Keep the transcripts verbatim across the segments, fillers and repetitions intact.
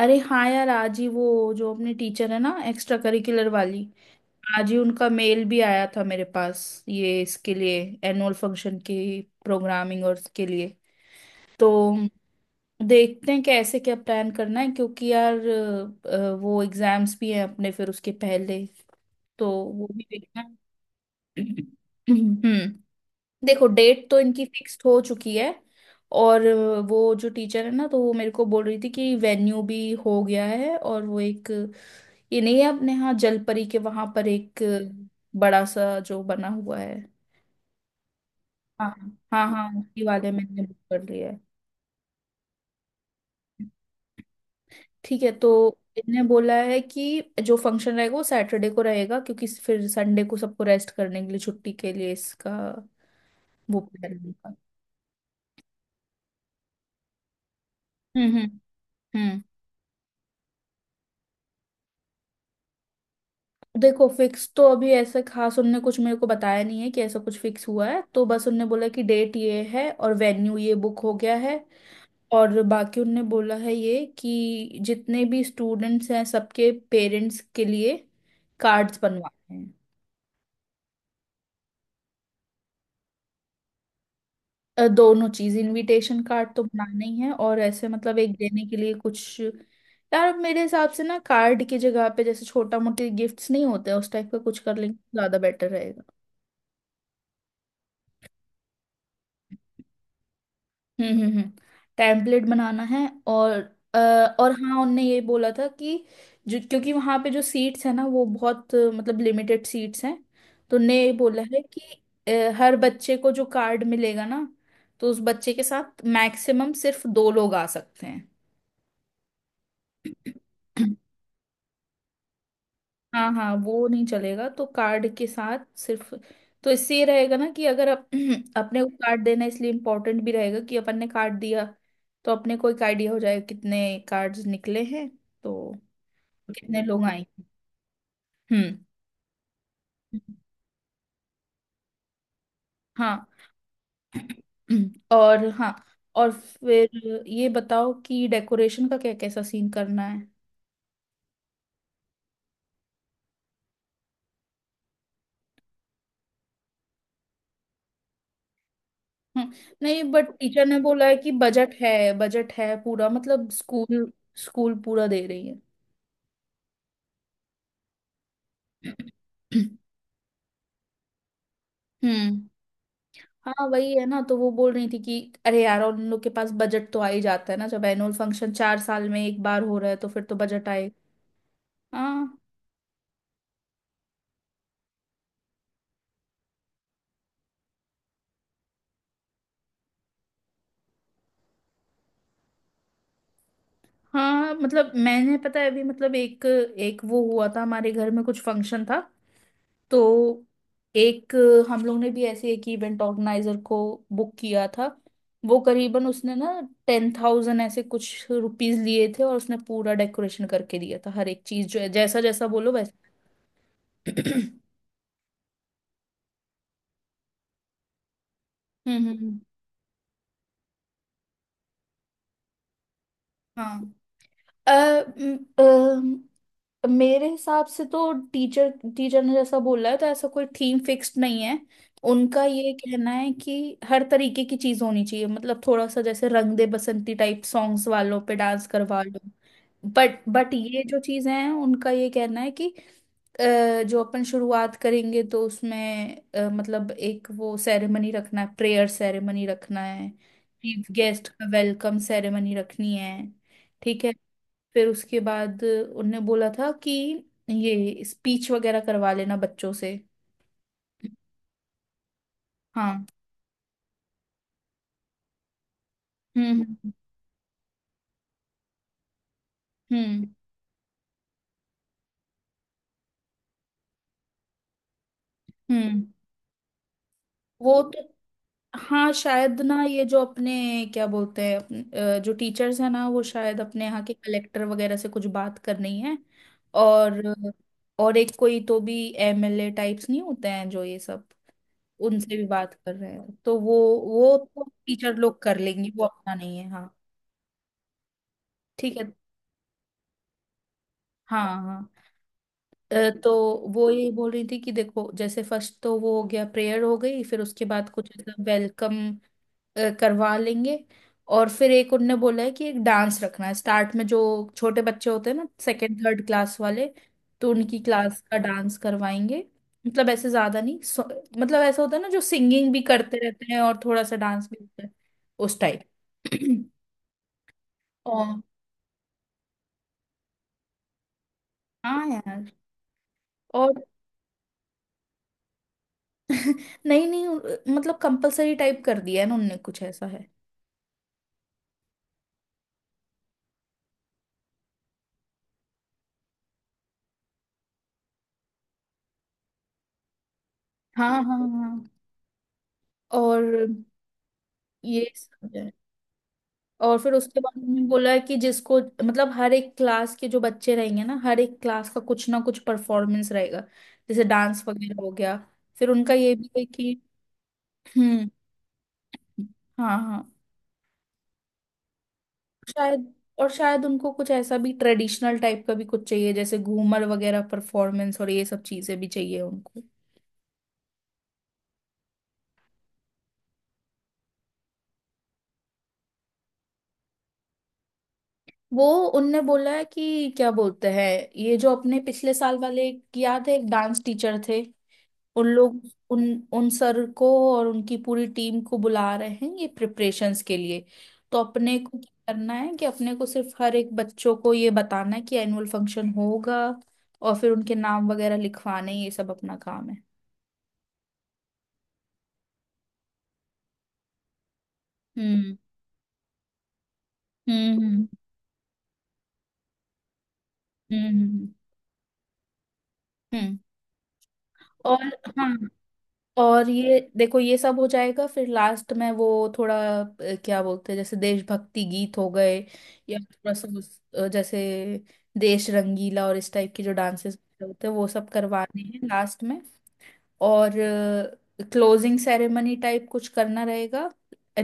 अरे हाँ यार, आज ही वो जो अपने टीचर है ना, एक्स्ट्रा करिकुलर वाली। आज ही उनका मेल भी आया था मेरे पास, ये इसके लिए, एनुअल फंक्शन की प्रोग्रामिंग और इसके लिए। तो देखते हैं कैसे क्या प्लान करना है, क्योंकि यार अ, अ, वो एग्जाम्स भी हैं अपने फिर उसके पहले, तो वो भी देखना है। हम्म देखो, डेट तो इनकी फिक्स्ड हो चुकी है, और अ, वो जो टीचर है ना, तो वो मेरे को बोल रही थी कि वेन्यू भी हो गया है, और वो एक, ये नहीं है अपने यहाँ जलपरी के वहां पर एक बड़ा सा जो बना हुआ है। हाँ हाँ, हाँ। उसी वाले में इनने बुक कर लिया है। ठीक है, तो इनने बोला है कि जो फंक्शन रहेगा वो सैटरडे को रहेगा, क्योंकि फिर संडे को सबको रेस्ट करने के लिए, छुट्टी के लिए इसका वो प्लान होगा। हम्म हम्म हम्म देखो, फिक्स तो अभी ऐसे खास उनने कुछ मेरे को बताया नहीं है कि ऐसा कुछ फिक्स हुआ है, तो बस उनने बोला कि डेट ये है और वेन्यू ये बुक हो गया है। और बाकी उनने बोला है ये कि जितने भी स्टूडेंट्स हैं सबके पेरेंट्स के लिए कार्ड्स बनवाने हैं। अ, दोनों चीज, इनविटेशन कार्ड तो बनाना ही है और ऐसे मतलब एक देने के लिए कुछ। यार मेरे हिसाब से ना, कार्ड की जगह पे जैसे छोटा मोटे गिफ्ट्स नहीं होते हैं, उस टाइप का कुछ कर लेंगे तो ज्यादा बेटर रहेगा। हम्म हम्म हम्म टेम्पलेट बनाना है, और अ, और हाँ, उनने ये बोला था कि, जो क्योंकि वहाँ पे जो सीट्स है ना वो बहुत अ, मतलब लिमिटेड सीट्स हैं। तो उनने ये बोला है कि अ, हर बच्चे को जो कार्ड मिलेगा ना, तो उस बच्चे के साथ मैक्सिमम सिर्फ दो लोग आ सकते हैं। हाँ, हाँ, वो नहीं चलेगा, तो कार्ड के साथ सिर्फ। तो इससे ये रहेगा ना कि अगर अप, अपने को कार्ड देना इसलिए इम्पोर्टेंट भी रहेगा कि अपन ने कार्ड दिया तो अपने को एक आइडिया हो जाएगा कितने कार्ड्स निकले हैं, तो कितने लोग आए। हम्म। हाँ। और हाँ। और फिर ये बताओ कि डेकोरेशन का क्या कैसा सीन करना है। हम्म, नहीं, बट टीचर ने बोला है कि बजट है। बजट है पूरा, मतलब स्कूल, स्कूल पूरा दे रही है। हम्म। हाँ, वही है ना, तो वो बोल रही थी कि, अरे यार, और उन लोग के पास बजट तो आ ही जाता है ना, जब एनुअल फंक्शन चार साल में एक बार हो रहा है तो फिर तो बजट आए। हाँ, हाँ। मतलब मैंने, पता है, अभी मतलब एक एक वो हुआ था हमारे घर में, कुछ फंक्शन था। तो एक, हम लोग ने भी ऐसे एक इवेंट ऑर्गेनाइजर को बुक किया था। वो करीबन उसने ना टेन थाउजेंड ऐसे कुछ रुपीज लिए थे, और उसने पूरा डेकोरेशन करके दिया था, हर एक चीज जो है जैसा जैसा बोलो वैसा। हम्म, हम्म, हम्म, हाँ। अ, म- अ, मेरे हिसाब से तो टीचर टीचर ने जैसा बोला है तो ऐसा कोई थीम फिक्स्ड नहीं है। उनका ये कहना है कि हर तरीके की चीज होनी चाहिए, मतलब थोड़ा सा, जैसे रंग दे बसंती टाइप सॉन्ग्स वालों पे डांस करवा लो। बट बट ये जो चीजें हैं उनका ये कहना है कि अ, जो अपन शुरुआत करेंगे तो उसमें अ, मतलब एक वो सेरेमनी रखना है, प्रेयर सेरेमनी रखना है। चीफ गेस्ट का वेलकम सेरेमनी रखनी है। ठीक है। फिर उसके बाद उनने बोला था कि ये स्पीच वगैरह करवा लेना बच्चों से। हाँ। हम्म, हम्म, हम्म। वो तो। हाँ, शायद ना, ये जो अपने, क्या बोलते हैं, अपने- अ, जो टीचर्स हैं ना, वो शायद अपने यहाँ के कलेक्टर वगैरह से कुछ बात करनी है। और और एक कोई तो भी एम एल ए टाइप्स नहीं होते हैं जो ये सब, उनसे भी बात कर रहे हैं तो वो वो तो टीचर लोग कर लेंगे, वो अपना नहीं है। हाँ, ठीक है। हाँ, हाँ। अ, तो वो ये बोल रही थी कि देखो, जैसे फर्स्ट तो वो हो गया, प्रेयर हो गई, फिर उसके बाद कुछ ऐसा वेलकम करवा लेंगे। और फिर एक उनने बोला है कि एक डांस रखना है स्टार्ट में, जो छोटे बच्चे होते हैं ना, सेकेंड थर्ड क्लास वाले, तो उनकी क्लास का डांस करवाएंगे। मतलब ऐसे ज्यादा नहीं, सो- मतलब ऐसा होता है ना, जो सिंगिंग भी करते रहते हैं और थोड़ा सा डांस भी होता है, उस टाइप। और हाँ यार। और नहीं, नहीं, उ- मतलब कंपलसरी टाइप कर दिया है ना उनने, कुछ ऐसा है। हाँ, हाँ, हाँ, और ये सब है। और फिर उसके बाद उन्होंने बोला है कि जिसको मतलब हर एक क्लास के जो बच्चे रहेंगे ना, हर एक क्लास का कुछ ना कुछ परफॉर्मेंस रहेगा। जैसे डांस वगैरह हो गया, फिर उनका ये भी है कि, हम्म, हाँ, हाँ, शायद। और शायद उनको कुछ ऐसा भी ट्रेडिशनल टाइप का भी कुछ चाहिए, जैसे घूमर वगैरह परफॉर्मेंस, और ये सब चीजें भी चाहिए उनको। वो, उनने बोला है कि, क्या बोलते हैं, ये जो अपने पिछले साल वाले, एक याद है, एक डांस टीचर थे। उन लोग। उन उन सर को और उनकी पूरी टीम को बुला रहे हैं ये प्रिपरेशंस के लिए। तो अपने को क्या करना है कि अपने को सिर्फ हर एक बच्चों को ये बताना है कि एनुअल फंक्शन होगा, और फिर उनके नाम वगैरह लिखवाने, ये सब अपना काम है। हम्म, हम्म, हम्म, हम्म, हम्म, हम्म। और हाँ, और ये देखो, ये सब हो जाएगा फिर लास्ट में वो थोड़ा, अ, क्या बोलते हैं, जैसे देशभक्ति गीत हो गए, या थोड़ा सा उस- अ, जैसे देश रंगीला और इस टाइप के जो डांसेस होते हैं वो सब करवाने हैं लास्ट में। और क्लोजिंग सेरेमनी टाइप कुछ करना रहेगा।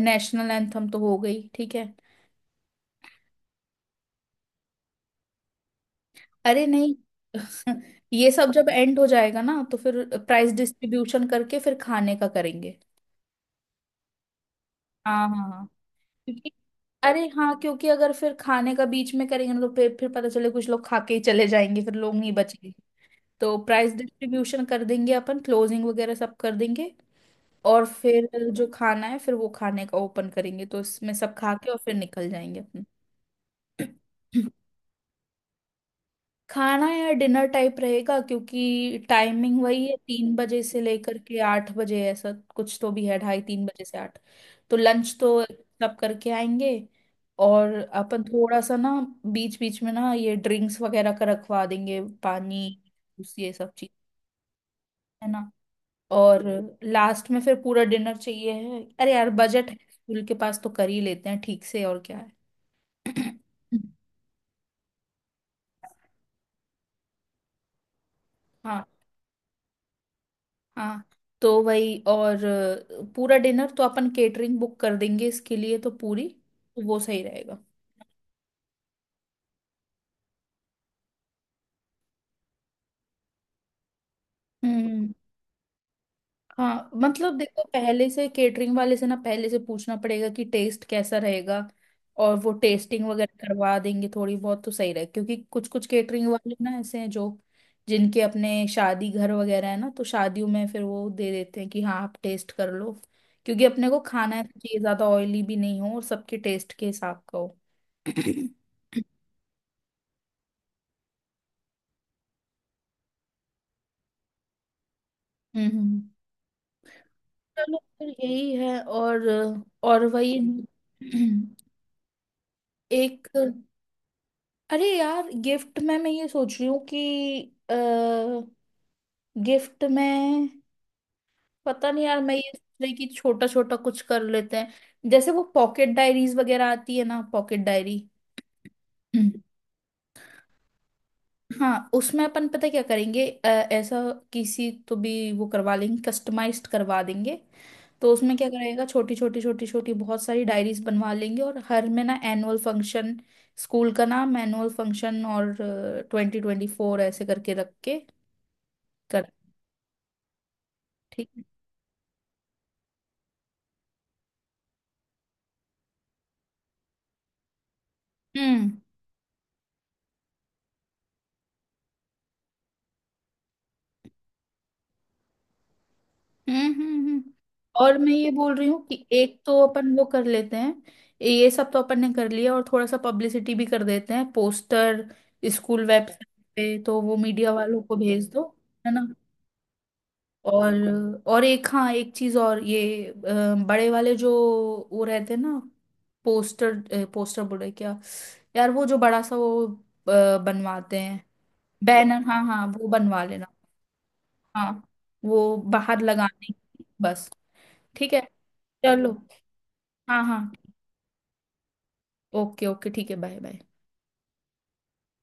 नेशनल एंथम तो हो गई, ठीक है। अरे नहीं, ये सब जब एंड हो जाएगा ना, तो फिर प्राइस डिस्ट्रीब्यूशन करके फिर खाने का करेंगे। हाँ, हाँ, हाँ। क्योंकि, अरे हाँ, क्योंकि अगर फिर खाने का बीच में करेंगे ना, तो फिर फिर पता चले कुछ लोग खा के ही चले जाएंगे, फिर लोग नहीं बचेंगे। तो प्राइस डिस्ट्रीब्यूशन कर देंगे अपन, क्लोजिंग वगैरह सब कर देंगे, और फिर जो खाना है, फिर वो खाने का ओपन करेंगे, तो इसमें सब खा के और फिर निकल जाएंगे अपन। खाना या डिनर टाइप रहेगा, क्योंकि टाइमिंग वही है, तीन बजे से लेकर के आठ बजे, ऐसा कुछ तो भी है, ढाई तीन बजे से आठ। तो लंच तो सब करके आएंगे, और अपन थोड़ा सा ना, बीच बीच में ना, ये ड्रिंक्स वगैरह का रखवा देंगे, पानी, जूस, ये सब चीज, है ना। और लास्ट में फिर पूरा डिनर चाहिए, है अरे यार बजट है, स्कूल के पास तो कर ही लेते हैं ठीक से और क्या है। हाँ, हाँ। तो वही, और अ, पूरा डिनर तो अपन केटरिंग बुक कर देंगे, इसके लिए तो पूरी, तो वो सही रहेगा। हम्म। हाँ, मतलब देखो, पहले से केटरिंग वाले से ना, पहले से पूछना पड़ेगा कि टेस्ट कैसा रहेगा, और वो टेस्टिंग वगैरह करवा देंगे थोड़ी बहुत तो सही रहेगा, क्योंकि कुछ कुछ केटरिंग वाले ना ऐसे हैं जो जिनके अपने शादी घर वगैरह है ना, तो शादियों में फिर वो दे देते हैं कि हाँ आप टेस्ट कर लो। क्योंकि अपने को खाना है तो चाहिए ज्यादा ऑयली भी नहीं हो और सबके टेस्ट के हिसाब का हो। हम्म। चलो, फिर यही है। और और वही, एक। अरे यार, गिफ्ट में मैं ये सोच रही हूँ कि, गिफ्ट में, पता नहीं यार, मैं ये सोच रही कि छोटा छोटा कुछ कर लेते हैं, जैसे वो पॉकेट डायरीज वगैरह आती है ना, पॉकेट डायरी। हाँ, उसमें अपन, पता क्या करेंगे, अ, ऐसा किसी तो भी वो करवा लेंगे, कस्टमाइज्ड करवा देंगे। तो उसमें क्या करेगा, छोटी छोटी छोटी छोटी बहुत सारी डायरीज बनवा लेंगे, और हर में ना एनुअल फंक्शन, स्कूल का नाम, एनुअल फंक्शन और ट्वेंटी ट्वेंटी फोर ऐसे करके रख के कर। ठीक है। हम्म, हम्म, हम्म, हम्म। और मैं ये बोल रही हूँ कि एक तो अपन वो कर लेते हैं, ये सब तो अपन ने कर लिया, और थोड़ा सा पब्लिसिटी भी कर देते हैं, पोस्टर, स्कूल वेबसाइट पे, तो वो मीडिया वालों को भेज दो, है ना। और और एक, हाँ, एक चीज और, ये अ, बड़े वाले जो वो रहते हैं ना, पोस्टर, पोस्टर बोले क्या, यार वो जो बड़ा सा वो अ, बनवाते हैं। बैनर, हाँ, हाँ, वो बनवा लेना। हाँ, वो बाहर लगाने की। बस, ठीक है। चलो, हाँ, हाँ। ओके, ओके, ठीक है। Bye, bye.